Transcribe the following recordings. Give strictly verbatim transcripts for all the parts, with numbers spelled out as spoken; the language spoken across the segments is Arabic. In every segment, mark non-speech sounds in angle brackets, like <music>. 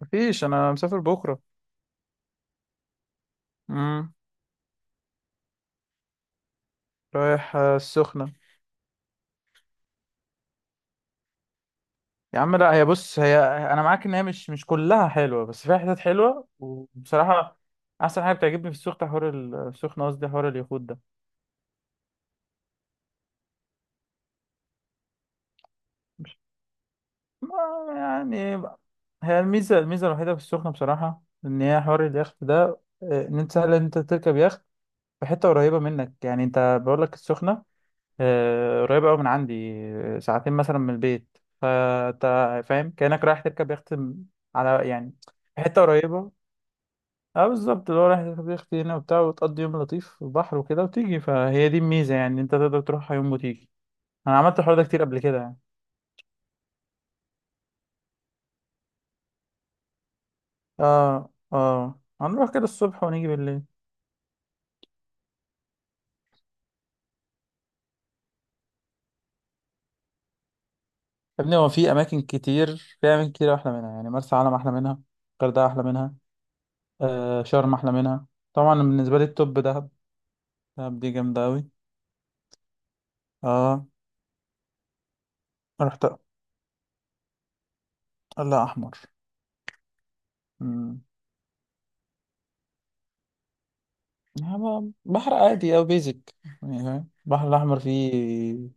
مفيش، انا مسافر بكره. امم رايح، آه، السخنه. يا عم، لا، هي بص هي. انا معاك ان هي مش مش كلها حلوه، بس فيها حتت حلوه، وبصراحه احسن حاجه بتعجبني في السخنه حوار ال- السخنه، قصدي حوار اليخوت ده. مش، ما، يعني هي الميزه الميزه الوحيده في السخنه بصراحه، ان هي حوار اليخت ده. آه، ان انت سهل ان انت تركب يخت في حته قريبه منك، يعني انت بقول لك السخنه. آه، قريبة أوي من عندي، آه، ساعتين مثلا من البيت، فأنت فاهم كأنك رايح تركب يخت م- على، يعني في حتة قريبة. اه بالظبط، اللي هو رايح تركب يخت هنا وبتاع، وتقضي يوم لطيف في البحر وكده، وتيجي، فهي دي الميزة، يعني أنت تقدر تروحها يوم وتيجي. أنا عملت الحوار ده كتير قبل كده يعني. اه، اه، هنروح كده الصبح ونيجي بالليل. يا ابني، هو في أماكن كتير، في أماكن كتير أحلى منها، يعني مرسى علم أحلى منها. الغردقة أحلى منها. آه شرم أحلى منها. طبعا بالنسبة لي التوب دهب. دهب دي جامدة أوي. اه، رحت. لا، احمر. امم يعني ب- بحر عادي او بيزك، يعني فاهم البحر الاحمر فيه.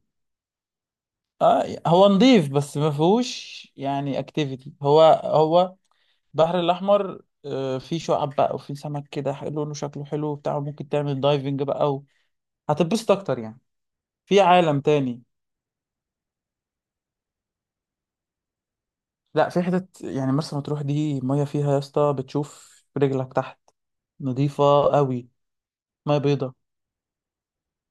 آه، هو نظيف بس ما فيهوش يعني اكتيفيتي. هو هو البحر الاحمر، آه، فيه شعاب بقى، وفيه سمك كده، ح- لونه شكله حلو بتاع، ممكن تعمل دايفنج بقى، او هتتبسط اكتر يعني، في عالم تاني. لا، في حتت يعني مرسى مطروح دي ميه فيها يا اسطى بتشوف رجلك تحت. نظيفة قوي، ميه بيضة.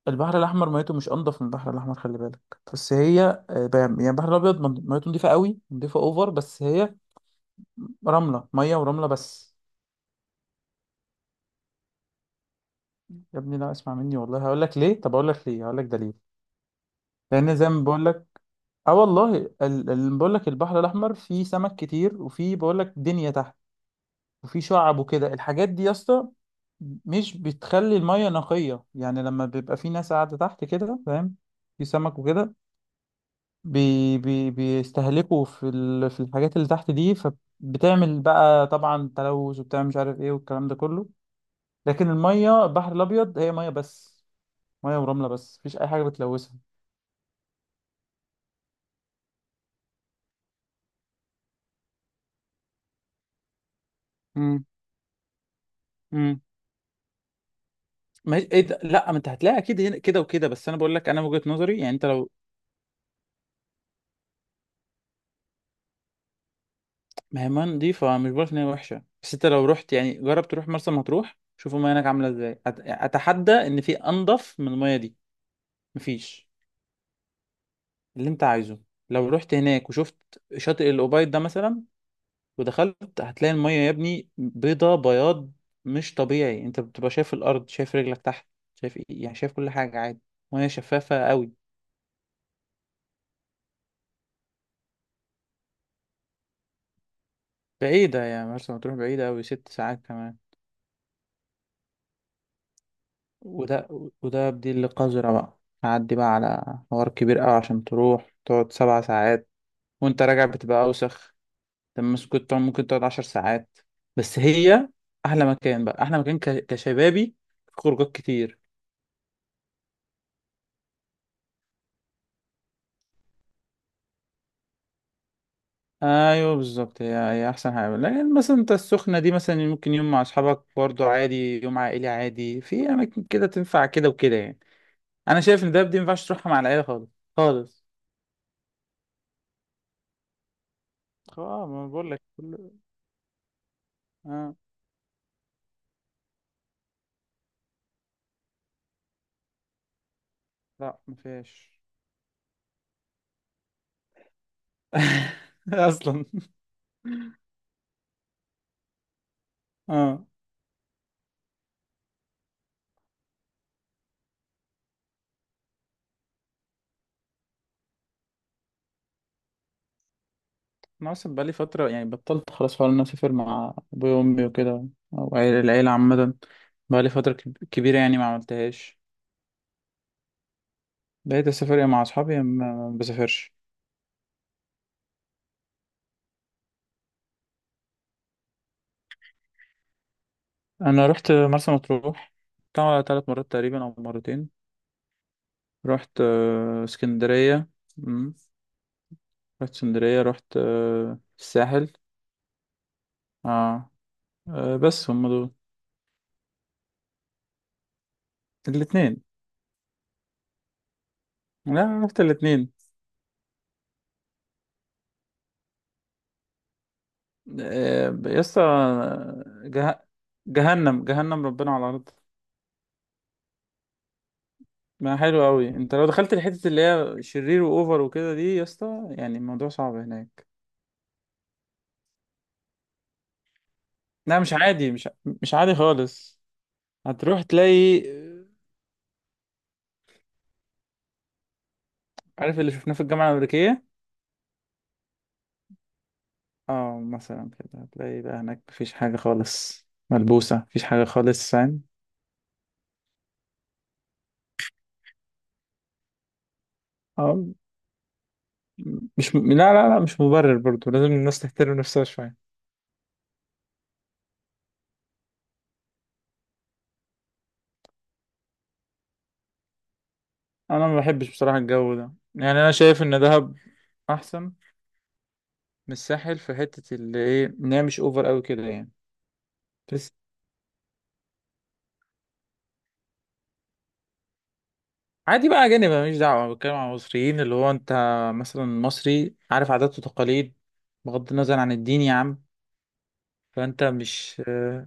البحر الاحمر ميته مش انضف من البحر الاحمر، خلي بالك. بس هي آه، بقى- يعني البحر الابيض من- ميته نضيفه قوي، نضيفه اوفر، بس هي رمله ميه ورمله بس. يا ابني، لا، اسمع مني والله، هقول لك ليه. طب اقول لك ليه، هقول لك دليل، لان زي ما بقول لك. اه والله، اللي بقول لك البحر الاحمر فيه سمك كتير، وفيه بقول لك دنيا تحت، وفيه شعب وكده، الحاجات دي يا اسطى مش بتخلي الميه نقيه، يعني لما بيبقى في ناس قاعده تحت كده فاهم، في سمك وكده، بي بي بيستهلكوا في ال... في الحاجات اللي تحت دي، فبتعمل بقى طبعا تلوث، وبتعمل مش عارف ايه، والكلام ده كله. لكن المية البحر الأبيض هي مية بس، مية ورملة بس، مفيش أي حاجة بتلوثها. امم امم ما هي... ايه ده؟ لا، ما انت هتلاقي اكيد هنا كده وكده، بس انا بقول لك انا وجهة نظري، يعني انت لو ما هي ميه نضيفه، مش بقولك ان هي وحشه، بس انت لو رحت، يعني جرب تروح مرسى مطروح، شوف الميه هناك عامله ازاي. أت... اتحدى ان في انضف من الميه دي، مفيش. اللي انت عايزه، لو رحت هناك وشفت شاطئ الأوبايد ده مثلا ودخلت، هتلاقي المية يا ابني بيضة بياض مش طبيعي، انت بتبقى شايف الأرض، شايف رجلك تحت، شايف ايه، يعني شايف كل حاجة عادي، مية شفافة قوي. بعيدة يا مرسى مطروح، بعيدة قوي، ست ساعات كمان. وده وده بديل القذرة بقى، تعدي بقى على حوار كبير قوي عشان تروح تقعد سبع ساعات، وانت راجع بتبقى أوسخ. طب مس- كنت طبعاً ممكن تقعد عشر ساعات. بس هي أحلى مكان بقى، أحلى مكان ك- كشبابي، في خروجات كتير. أيوه بالظبط، هي هي أحسن حاجة. لكن مثلا أنت السخنة دي مثلا ممكن يوم مع أصحابك برضه عادي، يوم عائلي عادي، في أماكن كده تنفع كده وكده يعني. أنا شايف إن دهب دي مينفعش تروحها مع العيلة خالص، خالص. اه، ما بقول لك كل. اه، لا، ما فيهاش. <laughs> اصلا اه، انا اصلا بقالي فتره يعني بطلت خلاص فعلا إن انا اسافر مع ابويا وامي وكده، او عيل- العيله عامه، بقالي فتره كب- كبيره يعني، ما عملتهاش، بقيت اسافر يا مع اصحابي يا ما ما بسافرش. انا رحت مرسى مطروح، طبعا ثلاث مرات تقريبا او مرتين. رحت آه، اسكندريه. مم. رحت اسكندريه، رحت آه، الساحل. اه، آه، بس هم دول. الاثنين، لا، رحت الاثنين. يسطا، جه... جهنم، جهنم ربنا على الارض. ما حلو قوي، انت لو دخلت الحتة اللي هي شرير واوفر وكده دي يا اسطى، يعني الموضوع صعب هناك. لا، مش عادي، مش مش عادي خالص. هتروح تلاقي، عارف اللي شفناه في الجامعة الأمريكية، اه، مثلا كده هتلاقي بقى هناك مفيش حاجة خالص ملبوسة، مفيش حاجة خالص فاهم. اه، مش م... لا، لا، لا، مش مبرر برضو، لازم الناس تحترم نفسها شوية. انا ما بحبش بصراحة الجو ده يعني، انا شايف ان دهب احسن من الساحل، في حتة اللي ايه ان هي مش اوفر قوي كده يعني. عادي بقى أجانب، أنا ماليش دعوة، أنا بتكلم عن المصريين، اللي هو أنت مثلا مصري، عارف عادات وتقاليد، بغض النظر عن الدين يا عم، فأنت مش آه،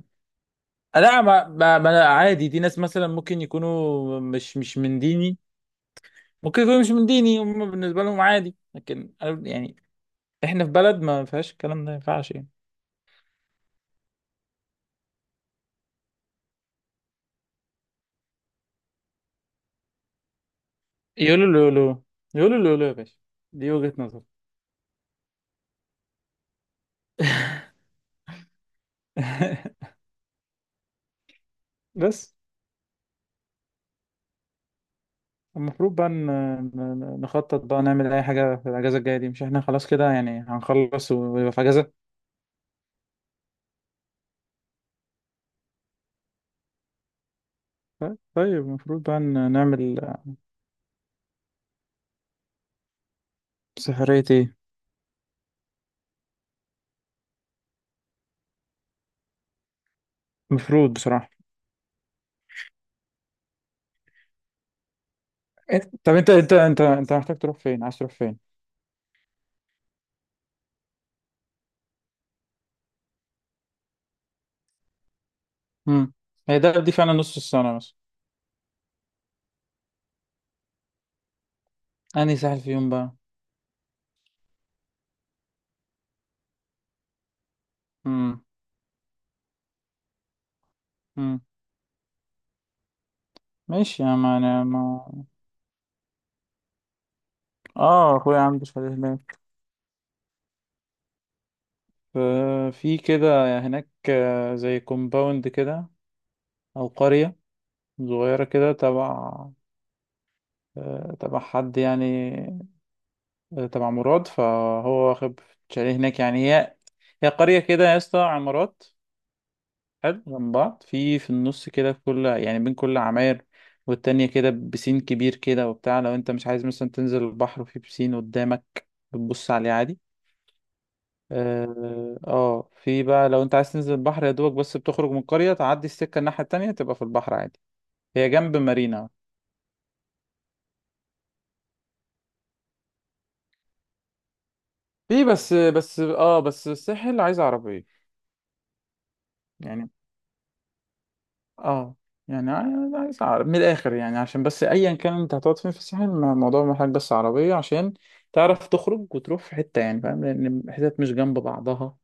لا، ما ما ما أنا عادي، دي ناس مثلا ممكن يكونوا مش مش من ديني، ممكن يكونوا مش من ديني، هم بالنسبة لهم عادي، لكن أنا يعني إحنا في بلد ما فيهاش الكلام ده، ما ينفعش يعني. يقولوا لولو، يقولوا لولو يا باشا، دي وجهة نظر. <laughs> بس المفروض بقى ن- ن- نخطط بقى، نعمل أي حاجة في الأجازة الجاية دي، مش إحنا خلاص كده، يعني هنخلص ويبقى في أجازة. طيب، طيب، المفروض بقى ن- نعمل سفرية إيه؟ المفروض بصراحة. إيه- طب أنت أنت أنت أنت محتاج تروح فين، عايز تروح فين؟ امم هي ده دي فعلا نص السنة مثلا. أنهي ساحل في يوم بقى؟ امم امم ماشي، يا ما أنا ما. آه، أخويا عنده شاليه هناك. ف- في كده هناك، آه، زي كومباوند كده، أو قرية صغيرة كده تبع، آه، تبع حد يعني، آه، تبع مراد، فهو واخد شاليه هناك. يعني هي هي قرية كده يا اسطى، عمارات حلو جنب بعض، في في النص كده، في كل يعني بين كل عماير والتانية كده، بسين كبير كده وبتاع، لو انت مش عايز مثلا تنزل البحر، وفي بسين قدامك بتبص عليه عادي. اه، آه، في بقى لو انت عايز تنزل البحر، يا دوبك بس بتخرج من القرية، تعدي السكة الناحية التانية تبقى في البحر عادي، هي جنب مارينا. في، بس بس اه بس الساحل عايز عربية، يعني اه، يعني عايز عايز عرب من الاخر يعني، عشان بس ايا كان انت هتقعد فين في الساحل، ما- الموضوع محتاج بس عربيه عشان تعرف تخرج وتروح في حته، يعني فاهم، لان الحتت مش جنب بعضها.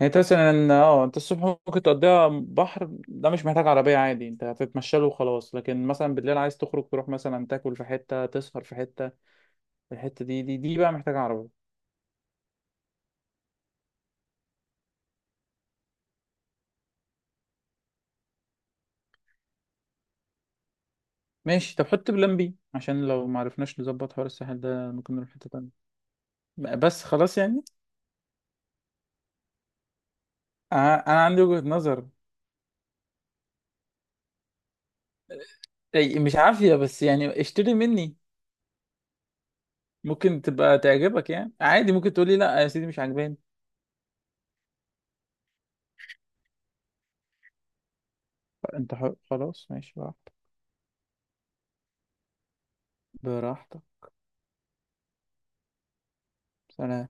يعني انت مثلا اه انت الصبح ممكن تقضيها بحر، ده مش محتاج عربيه عادي، انت هتتمشى له وخلاص، لكن مثلا بالليل عايز تخرج تروح مثلا تاكل في حته، تسهر في حته، الحته دي دي دي بقى محتاجه عربيه. ماشي، طب حط بلان بي عشان لو ما عرفناش نظبط حوار الساحل ده ممكن نروح حته تانيه بس خلاص يعني. انا أنا عندي وجهه نظر، أي مش عافية، بس يعني اشتري مني، ممكن تبقى تعجبك يعني عادي، ممكن تقولي لا يا سيدي مش عاجباني. انت حر، خلاص ماشي براحتك، براحتك. سلام.